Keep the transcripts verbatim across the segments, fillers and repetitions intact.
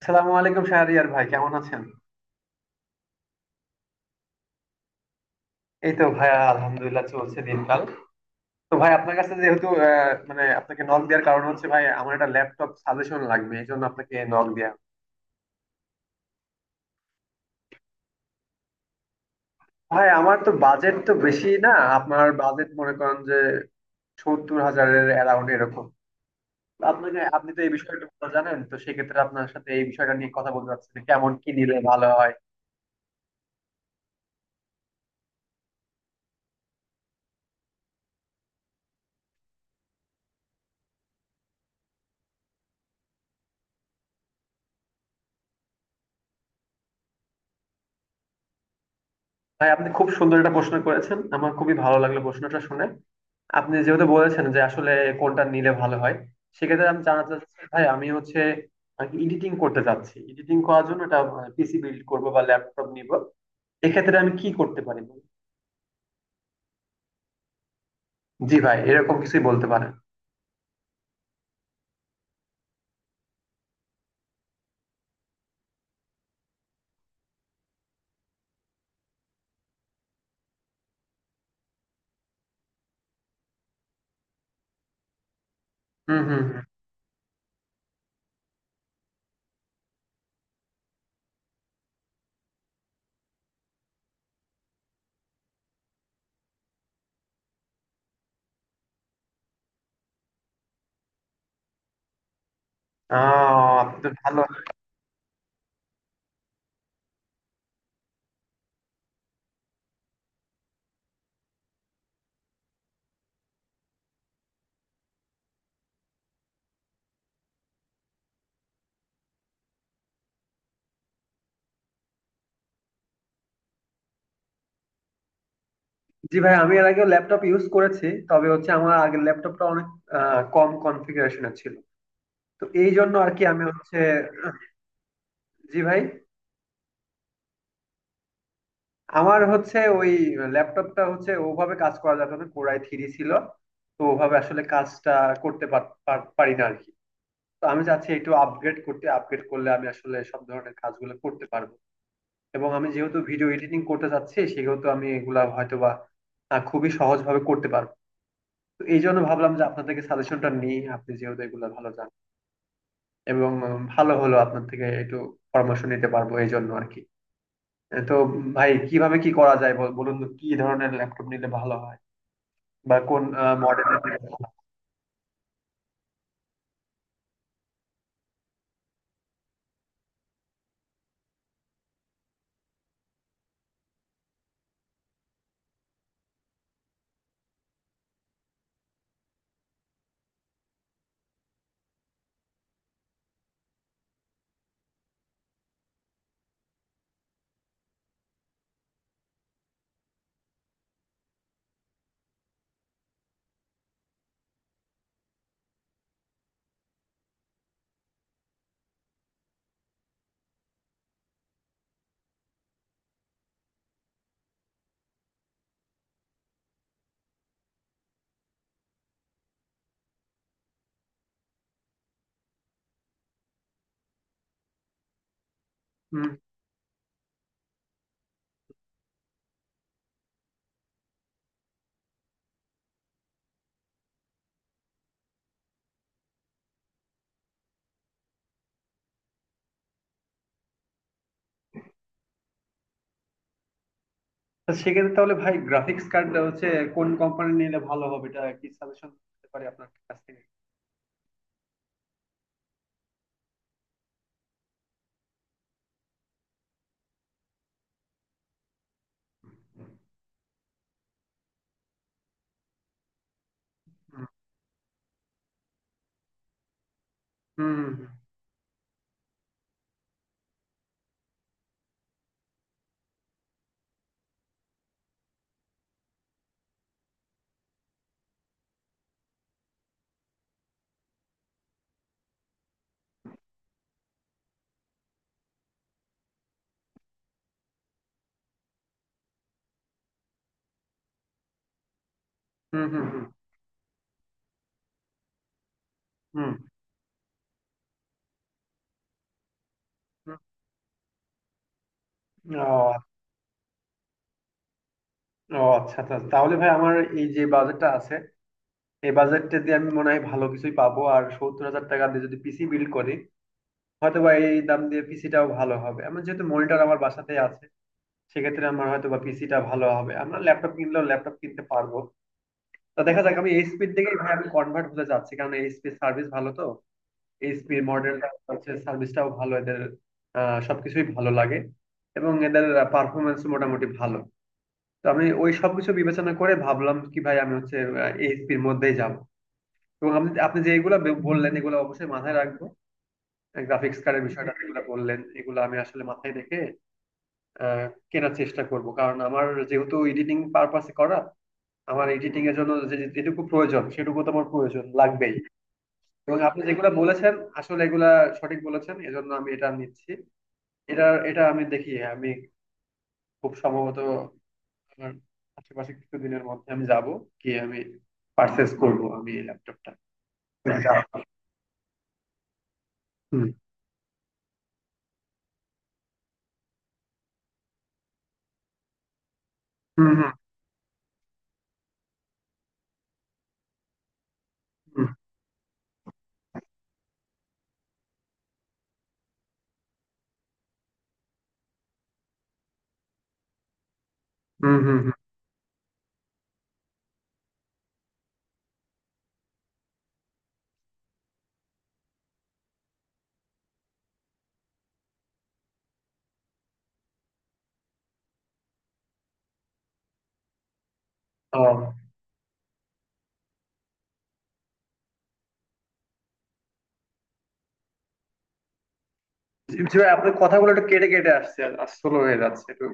আসসালামু আলাইকুম শাহরিয়ার ভাই, কেমন আছেন? এই তো ভাইয়া, আলহামদুলিল্লাহ, চলছে দিনকাল। তো ভাই, আপনার কাছে যেহেতু আহ, মানে আপনাকে নক দেওয়ার কারণ হচ্ছে ভাই আমার একটা ল্যাপটপ সাজেশন লাগবে, এই জন্য আপনাকে নক দেয়া। ভাই আমার তো বাজেট তো বেশি না। আপনার বাজেট মনে করেন যে সত্তর হাজারের অ্যারাউন্ড এরকম। আপনাকে আপনি তো এই বিষয়টা ভালো জানেন, তো সেক্ষেত্রে আপনার সাথে এই বিষয়টা নিয়ে কথা বলতে চাচ্ছি যে কেমন কি নিলে ভালো হয়। ভাই আপনি খুব সুন্দর একটা প্রশ্ন করেছেন, আমার খুবই ভালো লাগলো প্রশ্নটা শুনে। আপনি যেহেতু বলেছেন যে আসলে কোনটা নিলে ভালো হয়, সেক্ষেত্রে আমি জানাতে চাচ্ছি ভাই, আমি হচ্ছে এডিটিং করতে চাচ্ছি। এডিটিং করার জন্য একটা পিসি বিল্ড করব বা ল্যাপটপ নিব। এক্ষেত্রে আমি কি করতে পারি? জি ভাই এরকম কিছুই বলতে পারেন। হুম হুম হুম। আহ, আপনি তো ভালো। জি ভাই, আমি এর আগে ল্যাপটপ ইউজ করেছি, তবে হচ্ছে আমার আগের ল্যাপটপটা অনেক আহ, কম কনফিগারেশনের ছিল। তো এই জন্য আর কি আমি হচ্ছে। জি ভাই, আমার হচ্ছে ওই ল্যাপটপটা হচ্ছে ওভাবে কাজ করা যেত না, কোরাই থ্রি ছিল। তো ওভাবে আসলে কাজটা করতে পার- পার- পারি না আর কি। তো আমি চাচ্ছি একটু আপগ্রেড করতে, আপগ্রেড করলে আমি আসলে সব ধরনের কাজগুলো করতে পারবো। এবং আমি যেহেতু ভিডিও এডিটিং করতে চাচ্ছি, সেহেতু আমি এগুলা হয়তোবা বা খুবই সহজভাবে করতে পারবো। তো এই জন্য ভাবলাম যে আপনার থেকে সাজেশনটা নিই, আপনি যেহেতু এগুলো ভালো জানেন। এবং উম, ভালো হলো আপনার থেকে একটু পরামর্শ নিতে পারবো এই জন্য আর কি। তো ভাই কিভাবে কি করা যায় বল- বলুন তো কি ধরনের ল্যাপটপ নিলে ভালো হয়, বা কোন মডেলের। হুম। তো সেক্ষেত্রে তাহলে ভাই গ্রাফিক্স কার্ড হচ্ছে কোন কোম্পানি নিলে ভালো হবে, এটা কি সাজেশন দিতে পারি আপনার কাছ থেকে? হুম হুম হুম। হুম হুম হুম, হুম, হুম। ও। ও আচ্ছা আচ্ছা আচ্ছা। তাহলে ভাই আমার এই যে বাজেটটা আছে, এই বাজেটটা দিয়ে আমি মনে হয় ভালো কিছুই পাবো। আর সত্তর হাজার টাকা দিয়ে যদি পিসি বিল্ড করি হয়তো বা এই দাম দিয়ে পিসিটাও ভালো হবে, আমার যেহেতু মনিটর আমার বাসাতেই আছে। সেক্ষেত্রে আমার হয়তো বা পিসিটা ভালো হবে, আমরা ল্যাপটপ কিনলেও ল্যাপটপ কিনতে পারবো। তা দেখা যাক, আমি এইচপির দিকেই ভাই আমি কনভার্ট হতে চাচ্ছি, কারণ এইচপির সার্ভিস ভালো। তো এইচপির মডেলটা হচ্ছে সার্ভিসটাও ভালো এদের। আহ, সবকিছুই ভালো লাগে এবং এদের পারফরমেন্স মোটামুটি ভালো। তো আমি ওই সবকিছু বিবেচনা করে ভাবলাম কি ভাই আমি হচ্ছে এইচপির মধ্যেই যাব। এবং আপনি আপনি যে এগুলো বে- বললেন এগুলো অবশ্যই মাথায় রাখবো। গ্রাফিক্স কার্ডের বিষয়টা যেগুলো বললেন এগুলো আমি আসলে মাথায় রেখে আহ, কেনার চেষ্টা করব, কারণ আমার যেহেতু এডিটিং পারপাসে করা। আমার এডিটিং এর জন্য যে- যেটুকু প্রয়োজন সেটুকু তো আমার প্রয়োজন লাগবেই। এবং আপনি যেগুলা বলেছেন আসলে এগুলা সঠিক বলেছেন, এজন্য আমি এটা নিচ্ছি। এটা এটা আমি দেখি আমি খুব সম্ভবত আমার আশেপাশে কিছুদিনের মধ্যে আমি যাব, গিয়ে আমি পারচেস করব আমি এই ল্যাপটপটা। হুম হুম হুম। হুম হুম হুম, হুম। ও। জি জি ভাই আপনার কথাগুলো একটু কেটে কেটে আসছে, আর স্লো হয়ে যাচ্ছে একটু।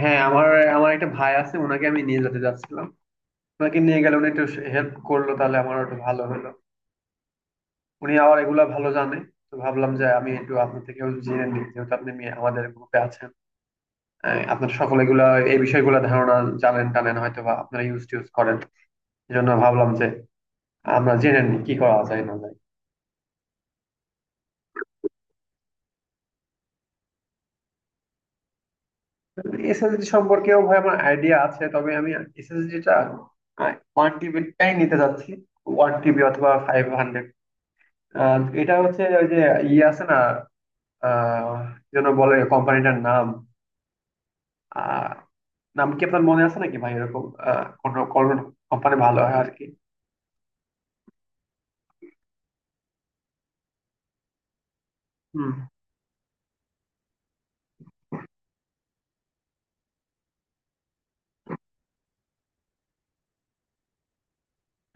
হ্যাঁ, আমার আমার একটা ভাই আছে, ওনাকে আমি নিয়ে যেতে যাচ্ছিলাম। ওনাকে নিয়ে গেলে উনি একটু হেল্প করলো তাহলে আমার একটু ভালো হলো। উনি আবার এগুলা ভালো জানে। তো ভাবলাম যে আমি একটু আপনার থেকেও জেনে নিই, যেহেতু আপনি মেয়ে- আমাদের গ্রুপে আছেন। আহ, আপনার সকলে এগুলা এই বিষয়গুলো ধারণা জানেন টানেন, হয়তো বা আপনারা ইউজ টিউজ করেন। এই জন্য ভাবলাম যে আমরা জেনে নিই কি করা যায় না যায়। এসএসডি সম্পর্কেও ভাই আমার আইডিয়া আছে, তবে আমি এসএসডিটা ওয়ান টিবিটাই নিতে যাচ্ছি। ওয়ান টিবি অথবা ফাইভ হান্ড্রেড। এটা হচ্ছে ওই যে ইয়ে আছে না আহ কি যেন বলে কোম্পানিটার নাম? নাম কি আপনার মনে আছে নাকি ভাই, এরকম আহ কোন কোম্পানি ভালো হয় আর কি? হুম।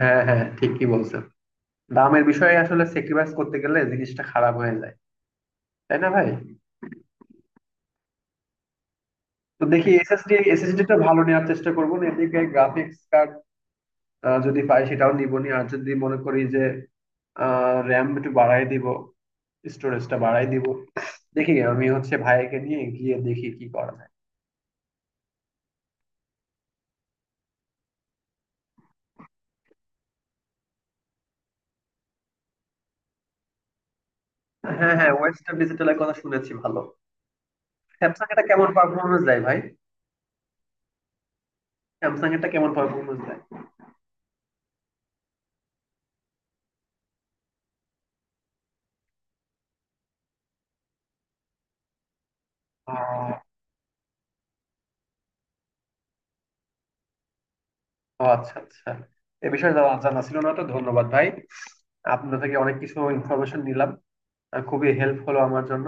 হ্যাঁ হ্যাঁ ঠিকই বলছেন। দামের বিষয়ে আসলে স্যাক্রিফাইস করতে গেলে জিনিসটা খারাপ হয়ে যায়, তাই না ভাই? তো দেখি এসএসডি এসএসডি টা ভালো নেওয়ার চেষ্টা করবো, না এদিকে গ্রাফিক্স কার্ড যদি পাই সেটাও নিবো নি। আর যদি মনে করি যে আহ র্যাম একটু বাড়াই দিব, স্টোরেজটা বাড়াই দিব। দেখি আমি হচ্ছে ভাইকে নিয়ে গিয়ে দেখি কি করা যায়। হ্যাঁ হ্যাঁ, ওয়েস্টার্ন ডিজিটালের কথা শুনেছি, ভালো। স্যামসাং এটা কেমন পারফরমেন্স দেয় ভাই? স্যামসাং এরটা কেমন পারফরমেন্স দেয়? আহ, ও আচ্ছা আচ্ছা। এ বিষয়ে জানা জানা ছিল না, তো ধন্যবাদ ভাই। আপনার থেকে অনেক কিছু ইনফরমেশন নিলাম, আর খুবই হেল্প হলো আমার জন্য।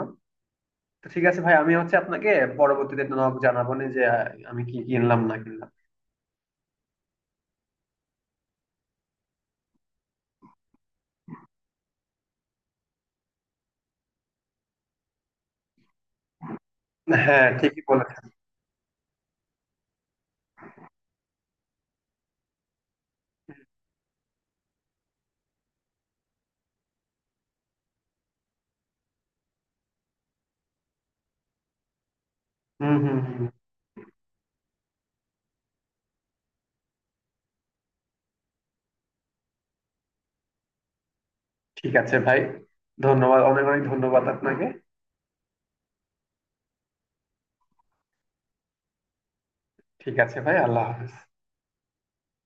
তো ঠিক আছে ভাই, আমি হচ্ছে আপনাকে পরবর্তীতে নক জানাবো নি যে আহ, আমি কি কিনলাম না কিনলাম। হ্যাঁ ঠিকই বলেছেন। হুম হুম হুম। ঠিক আছে ভাই, ধন্যবাদ, অনেক অনেক ধন্যবাদ আপনাকে। ঠিক আছে ভাই, আল্লাহ হাফেজ।